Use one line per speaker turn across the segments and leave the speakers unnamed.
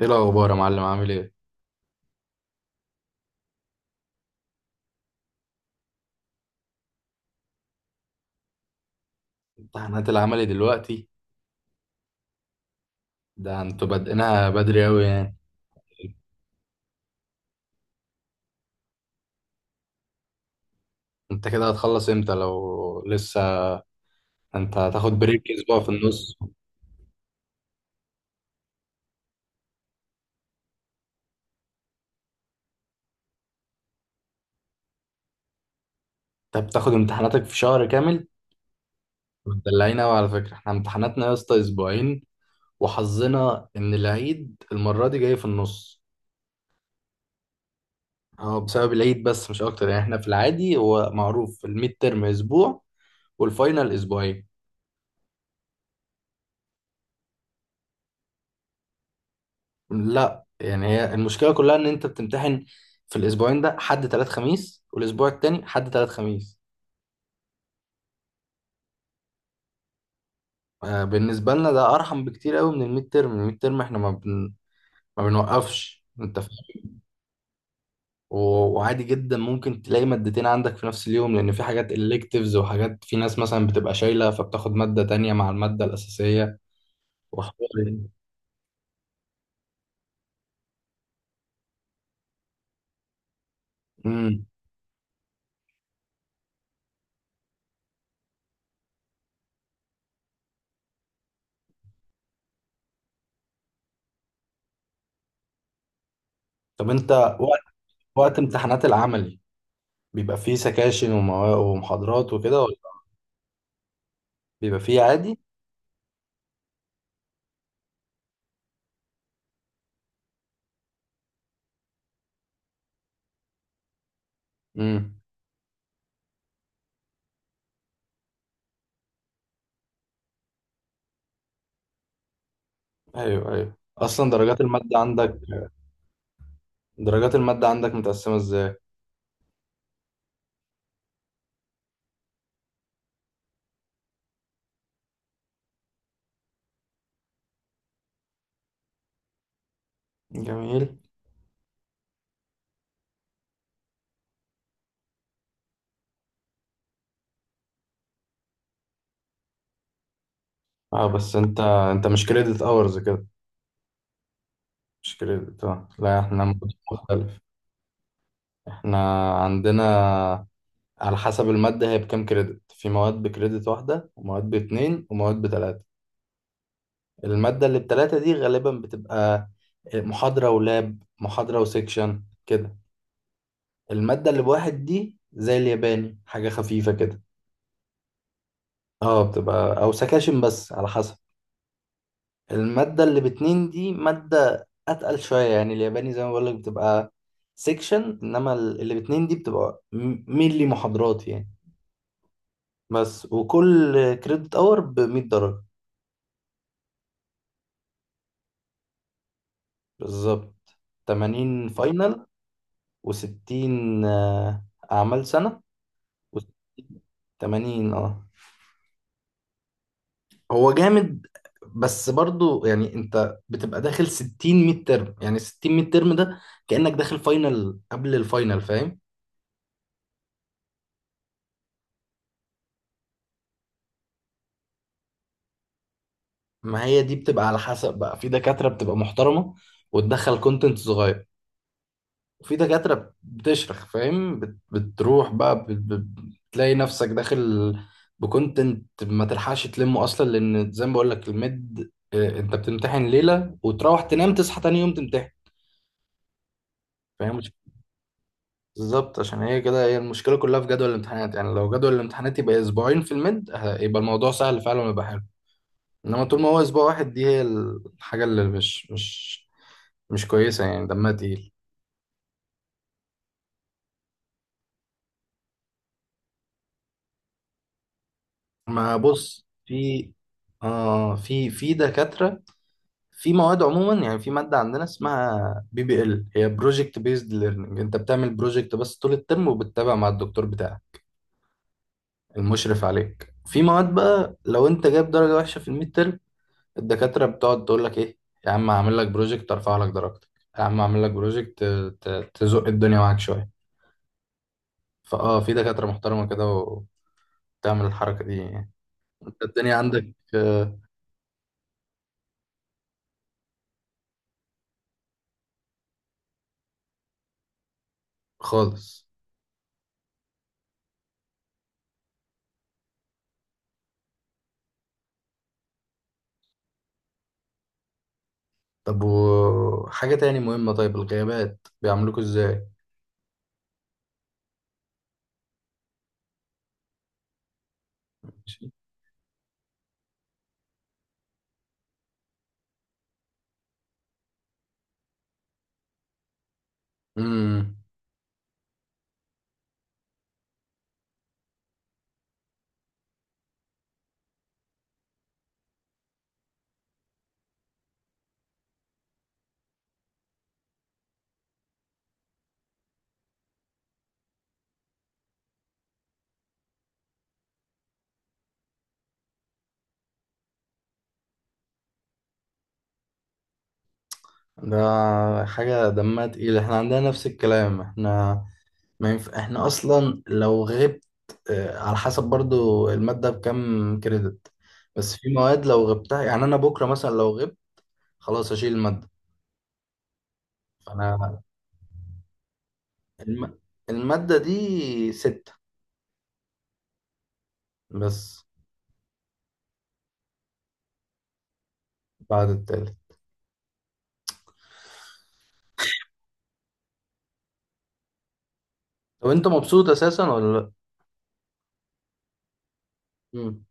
ايه الاخبار يا معلم؟ عامل ايه؟ امتحانات العملي دلوقتي؟ ده انتوا بادئينها بدري اوي يعني. انت كده هتخلص امتى لو لسه؟ انت هتاخد بريك اسبوع في النص؟ انت بتاخد امتحاناتك في شهر كامل؟ مدلعين اوي على فكره. احنا امتحاناتنا يا اسطى اسبوعين، وحظنا ان العيد المره دي جاي في النص. هو بسبب العيد بس مش اكتر، يعني احنا في العادي هو معروف الميد ترم اسبوع والفاينل اسبوعين. لا يعني هي المشكله كلها ان انت بتمتحن في الاسبوعين. ده حد تلات خميس والاسبوع التاني حد تلات خميس. آه، بالنسبه لنا ده ارحم بكتير قوي من الميد ترم. الميد ترم احنا ما بنوقفش، انت فاهم. و- وعادي جدا ممكن تلاقي مادتين عندك في نفس اليوم، لان في حاجات electives وحاجات، في ناس مثلا بتبقى شايله فبتاخد ماده تانية مع الماده الاساسيه. وحوار يعني. امم. طب انت، وقت وقت امتحانات العملي بيبقى فيه سكاشن ومحاضرات وكده، ولا بيبقى فيه عادي؟ امم. ايوه ايوه، اصلا درجات المادة عندك، درجات المادة عندك متقسمة ازاي؟ جميل. اه بس انت مش كريدت اورز كده؟ مش كريدت، اه لا احنا مود مختلف. احنا عندنا على حسب المادة هي بكام كريدت، في مواد بكريدت واحدة ومواد باتنين ومواد بتلاتة. المادة اللي بتلاتة دي غالبا بتبقى محاضرة ولاب، محاضرة وسيكشن كده. المادة اللي بواحد دي زي الياباني، حاجة خفيفة كده. اه، بتبقى او سكاشن بس على حسب. المادة اللي باتنين دي مادة أتقل شوية، يعني الياباني زي ما بقولك بتبقى سيكشن، إنما اللي باتنين دي بتبقى مينلي محاضرات يعني. بس، وكل كريدت أور بمية درجة. بالظبط. تمانين فاينل وستين، آه، أعمال سنة وتمانين اه. هو جامد، بس برضو يعني انت بتبقى داخل ستين ميد ترم، يعني ستين ميد ترم ده كأنك داخل فاينل قبل الفاينل، فاهم. ما هي دي بتبقى على حسب بقى، في دكاترة بتبقى محترمة وتدخل كونتنت صغير، وفي دكاترة بتشرخ، فاهم، بتروح بقى، بتلاقي نفسك داخل بكونتنت ما تلحقش تلمه اصلا، لان زي ما بقول لك الميد، آه، انت بتمتحن ليلة وتروح تنام تصحى تاني يوم تمتحن. فاهم بالظبط، عشان هي كده هي المشكلة كلها في جدول الامتحانات. يعني لو جدول الامتحانات يبقى اسبوعين في الميد يبقى الموضوع سهل فعلا ويبقى حلو، انما طول ما هو اسبوع واحد دي هي الحاجه اللي مش كويسه يعني، دمها تقيل. ما بص، في، آه، في دكاتره، في مواد عموما يعني، في ماده عندنا اسمها بي بي ال، هي بروجكت بيزد ليرنينج. انت بتعمل بروجكت بس طول الترم، وبتتابع مع الدكتور بتاعك المشرف عليك. في مواد بقى لو انت جايب درجه وحشه في الميد ترم، الدكاتره بتقعد تقول لك ايه: يا عم هعمل لك بروجكت ارفع لك درجتك، يا عم هعمل لك بروجكت، تزق الدنيا معاك شويه. في دكاترة محترمة كده وبتعمل الحركة دي يعني. انت الدنيا عندك، آه، خالص. طب وحاجة تاني مهمة، طيب الغيابات بيعملوكوا ازاي؟ ماشي. امم. ده حاجة دمها تقيل، احنا عندنا نفس الكلام. احنا ما ينف... احنا اصلا لو غبت، آه، على حسب برضو المادة بكام كريدت، بس في مواد لو غبتها، يعني انا بكرة مثلا لو غبت خلاص اشيل المادة. فانا الم... المادة دي ستة بس. بعد التالت. طب انت مبسوط اساسا ولا لا؟ مم.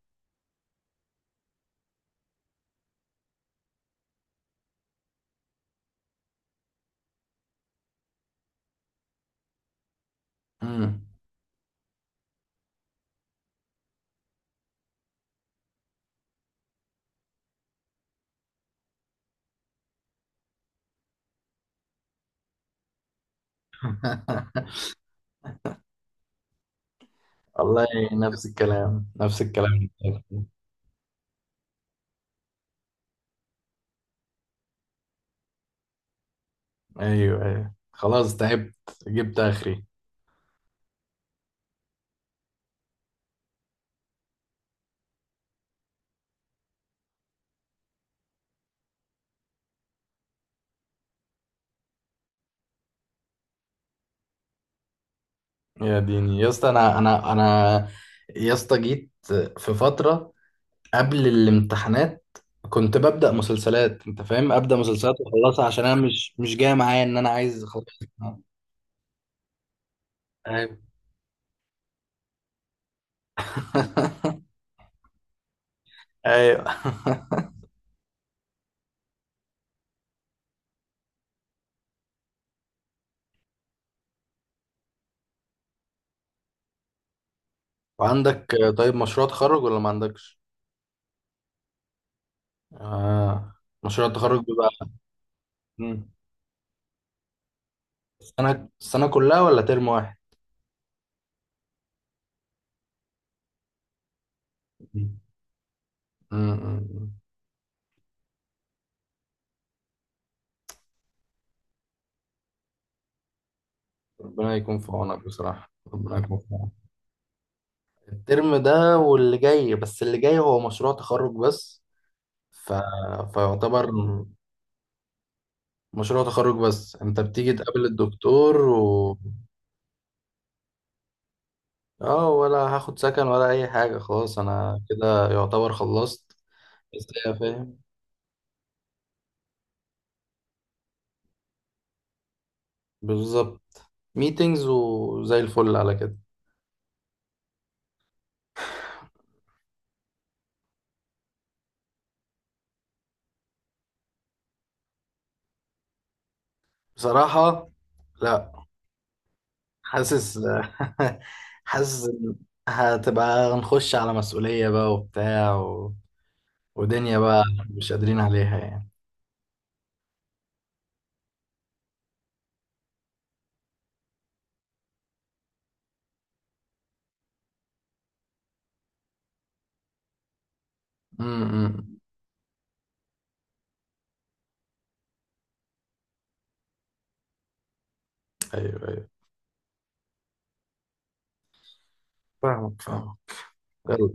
امم. والله، نفس الكلام نفس الكلام. ايوه ايوه، خلاص تعبت، جبت اخري. يا ديني يا اسطى، انا يا اسطى جيت في فتره قبل الامتحانات كنت ببدا مسلسلات، انت فاهم، ابدا مسلسلات واخلصها، عشان انا مش جاي معايا ان انا عايز اخلص. ايوه ايوه. وعندك طيب مشروع تخرج ولا ما عندكش؟ آه. مشروع التخرج. مم. السنة كلها ولا ترم واحد؟ مم. مم. ربنا يكون في عونك بصراحة، ربنا يكون في عونك. الترم ده واللي جاي بس، اللي جاي هو مشروع تخرج بس، ف... فيعتبر مشروع تخرج بس. انت بتيجي تقابل الدكتور و... اه، ولا هاخد سكن ولا اي حاجة، خلاص انا كده يعتبر خلصت. بس يا فاهم، بالظبط، ميتينجز وزي الفل على كده. بصراحة لا، حاسس حاسس إن هتبقى، هنخش على مسؤولية بقى وبتاع و... ودنيا بقى مش قادرين عليها يعني. امم. ايوه ايوه، فاهمك فاهمك. يلا،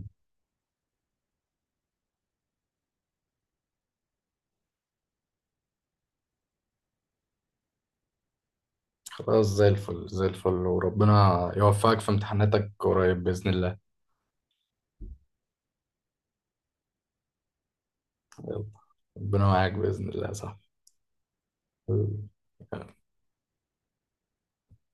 خلاص زي الفل زي الفل، وربنا يوفقك في امتحاناتك قريب بإذن الله. يلا. ربنا معاك بإذن الله. صح.